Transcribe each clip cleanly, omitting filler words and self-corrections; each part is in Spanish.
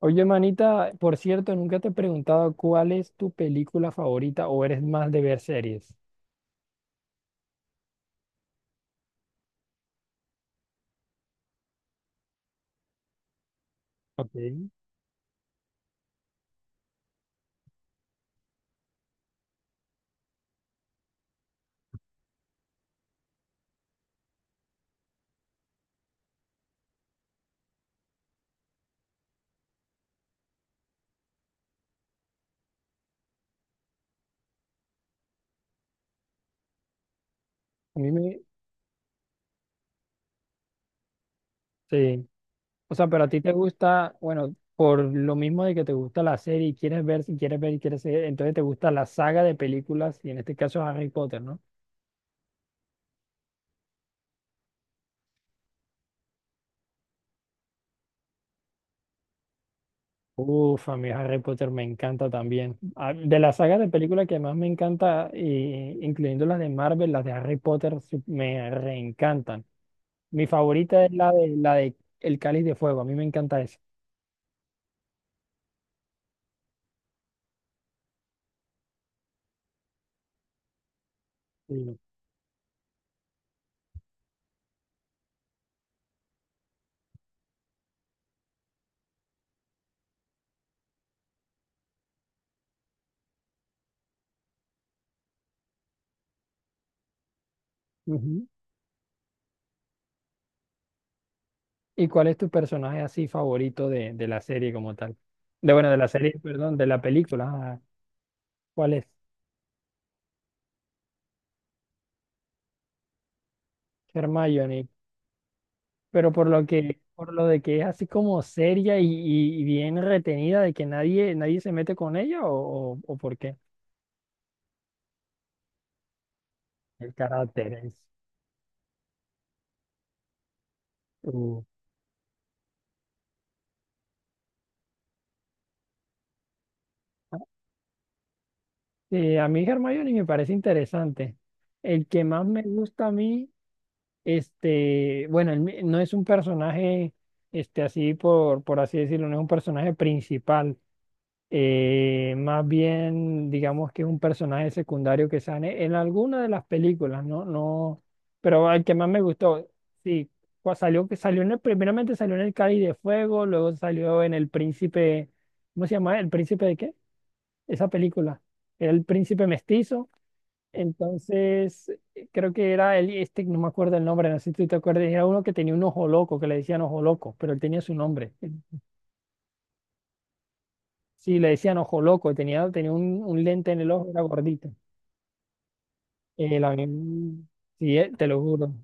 Oye, manita, por cierto, nunca te he preguntado cuál es tu película favorita o eres más de ver series. Ok. A mí me... Sí. O sea, pero a ti te gusta, bueno, por lo mismo de que te gusta la serie y quieres ver, si quieres ver y quieres ver, entonces te gusta la saga de películas y en este caso Harry Potter, ¿no? Uf, a mí Harry Potter me encanta también. Ah, de la saga de películas que más me encanta, incluyendo las de Marvel, las de Harry Potter, sí, me reencantan. Mi favorita es la de El Cáliz de Fuego. A mí me encanta esa. Sí. Ujú. ¿Y cuál es tu personaje así favorito de la serie como tal? De Bueno, de la serie, perdón, de la película. Ah, ¿cuál es? Hermione. Pero por lo de que es así como seria y bien retenida, de que nadie se mete con ella, o por qué? El carácter es. Uh. A mí Hermione me parece interesante. El que más me gusta a mí. Bueno, no es un personaje, así por así decirlo, no es un personaje principal. Más bien, digamos que es un personaje secundario que sale en alguna de las películas, ¿no? No, pero el que más me gustó, sí, salió, que salió en primeramente salió en el Cáliz de Fuego, luego salió en El Príncipe, ¿cómo se llama? ¿El Príncipe de qué? Esa película. Era el Príncipe Mestizo. Entonces, creo que era él, no me acuerdo el nombre, no sé si tú te acuerdas, era uno que tenía un ojo loco, que le decían ojo loco, pero él tenía su nombre. Sí, le decían ojo loco, tenía un lente en el ojo, era gordito. Sí, te lo juro.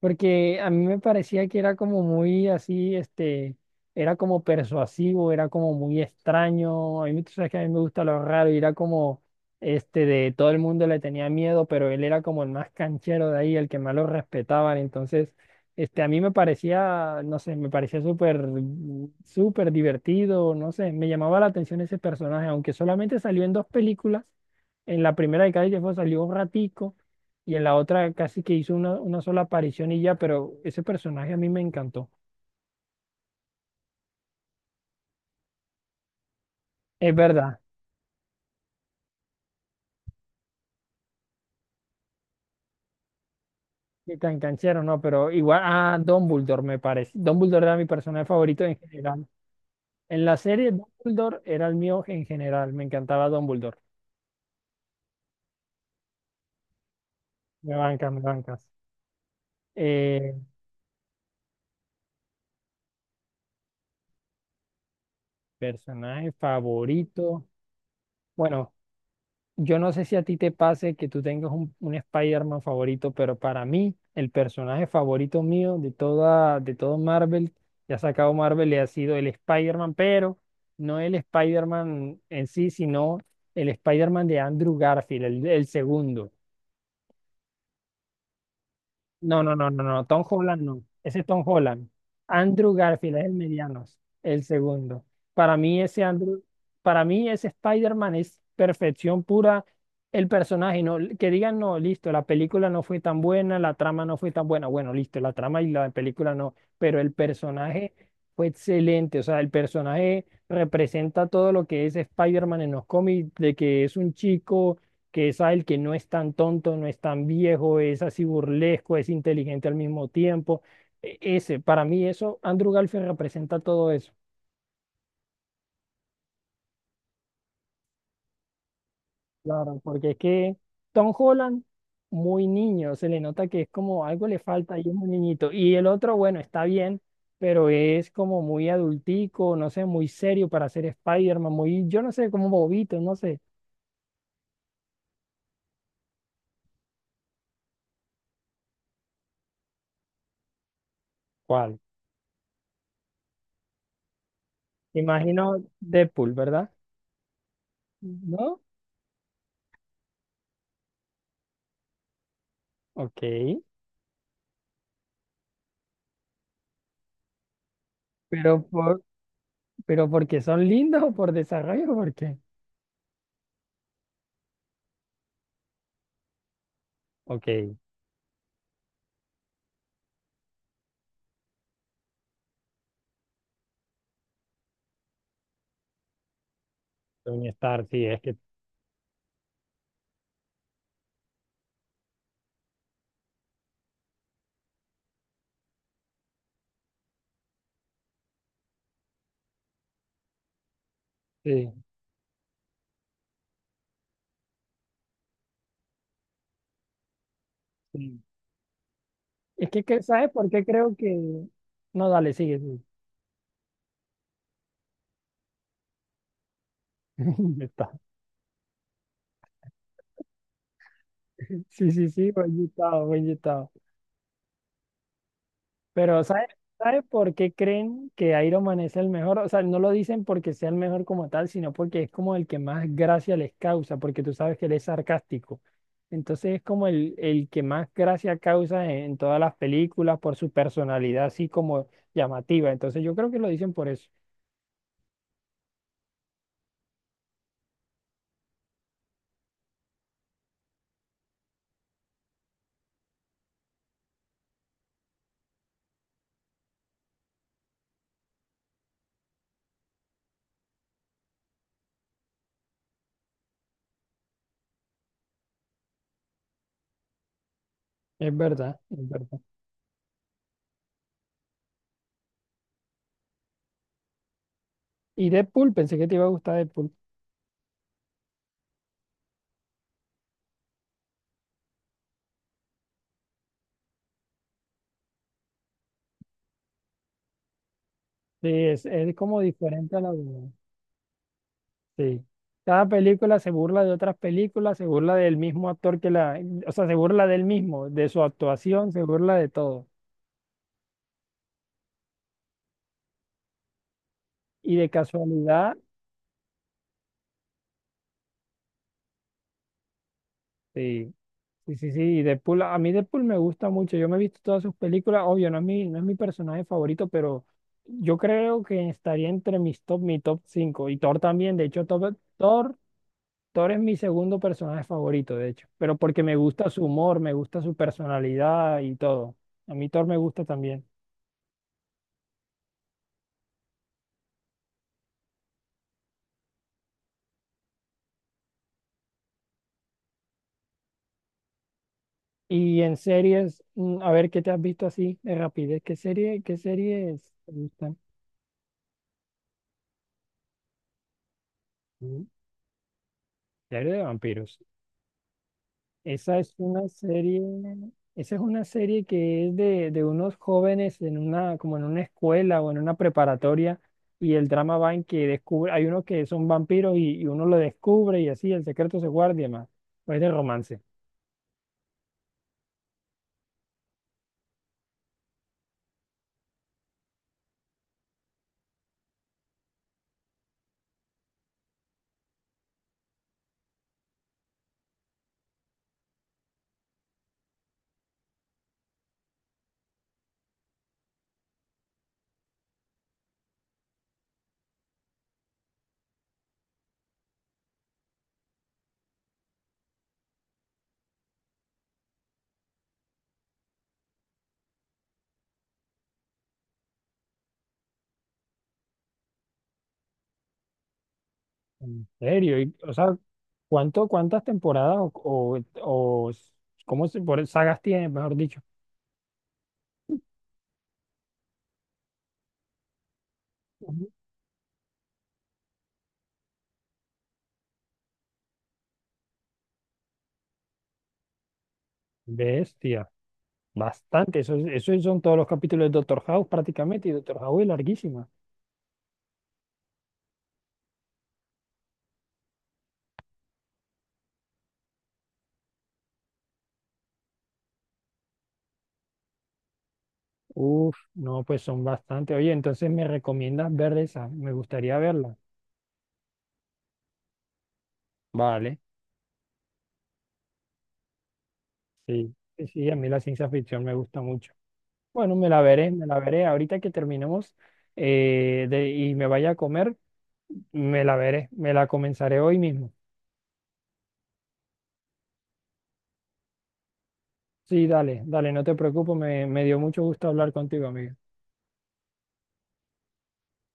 Porque a mí me parecía que era como muy así, era como persuasivo, era como muy extraño. A mí, tú sabes que a mí me gusta lo raro y era como, de todo el mundo le tenía miedo, pero él era como el más canchero de ahí, el que más lo respetaban. Entonces, a mí me parecía, no sé, me parecía súper, súper divertido, no sé, me llamaba la atención ese personaje, aunque solamente salió en dos películas. En la primera de Cali que fue salió un ratico y en la otra casi que hizo una sola aparición y ya, pero ese personaje a mí me encantó. Es verdad, que tan canchero, no, pero igual, Dumbledore me parece. Dumbledore era mi personaje favorito en general. En la serie, Dumbledore era el mío en general, me encantaba Dumbledore. Me bancas, me bancas. Eh, Personaje favorito. Bueno, yo no sé si a ti te pase que tú tengas un Spider-Man favorito, pero para mí, el personaje favorito mío de todo Marvel, que ha sacado Marvel, le ha sido el Spider-Man, pero no el Spider-Man en sí, sino el Spider-Man de Andrew Garfield, el segundo. No, no, no, no, no. Tom Holland no. Ese es Tom Holland. Andrew Garfield es el mediano, el segundo. Para mí ese Andrew, para mí ese Spider-Man es perfección pura. El personaje, no, que digan, no, listo, la película no fue tan buena, la trama no fue tan buena. Bueno, listo, la trama y la película no, pero el personaje fue excelente. O sea, el personaje representa todo lo que es Spider-Man en los cómics, de que es un chico que es el que no es tan tonto, no es tan viejo, es así burlesco, es inteligente al mismo tiempo. Ese, para mí eso, Andrew Garfield representa todo eso, claro, porque es que Tom Holland, muy niño, se le nota que es como algo le falta y es muy niñito. Y el otro, bueno, está bien, pero es como muy adultico, no sé, muy serio para ser Spider-Man, muy, yo no sé, como bobito, no sé. ¿Cuál? Imagino Deadpool, ¿verdad? ¿No? Ok. Pero, ¿pero porque son lindos o por desarrollo o por qué? Ok, Tony Stark, sí, es que sí, sí. Es que, ¿sabes por qué creo que? No, dale, sigue, sigue. está. Sí, sí, sí, buen yutao, buen yutao. Pero ¿sabe por qué creen que Iron Man es el mejor? O sea, no lo dicen porque sea el mejor como tal, sino porque es como el que más gracia les causa, porque tú sabes que él es sarcástico. Entonces es como el que más gracia causa en todas las películas por su personalidad así como llamativa. Entonces yo creo que lo dicen por eso. Es verdad, es verdad. Y Deadpool, pensé que te iba a gustar Deadpool. Sí, es como diferente a la de. Sí. Cada película se burla de otras películas, se burla del mismo actor que la, o sea, se burla del mismo, de su actuación, se burla de todo. Y de casualidad, sí, sí, sí, sí, y Deadpool, a mí Deadpool me gusta mucho, yo me he visto todas sus películas, obvio, no es mi personaje favorito, pero yo creo que estaría entre mis top, mi top 5. Y Thor también, de hecho, Thor es mi segundo personaje favorito, de hecho, pero porque me gusta su humor, me gusta su personalidad y todo. A mí Thor me gusta también. Y en series, a ver qué te has visto así de rapidez. ¿Qué series te gustan? Mm. Serie de vampiros. Esa es una serie, esa es una serie que es de unos jóvenes en como en una escuela o en una preparatoria, y el drama va en que descubre, hay uno que son vampiros y uno lo descubre y así el secreto se guarda y demás. Pues de romance. En serio, y, o sea, cuántas temporadas o por sagas tiene, mejor dicho? Bestia, bastante. Eso son todos los capítulos de Doctor House prácticamente y Doctor House es larguísima. Uf, no, pues son bastante. Oye, entonces me recomiendas ver esa. Me gustaría verla. Vale. Sí, sí, sí, a mí la ciencia ficción me gusta mucho. Bueno, me la veré, me la veré. Ahorita que terminemos y me vaya a comer, me la veré. Me la comenzaré hoy mismo. Sí, dale, dale, no te preocupes. Me dio mucho gusto hablar contigo, amigo.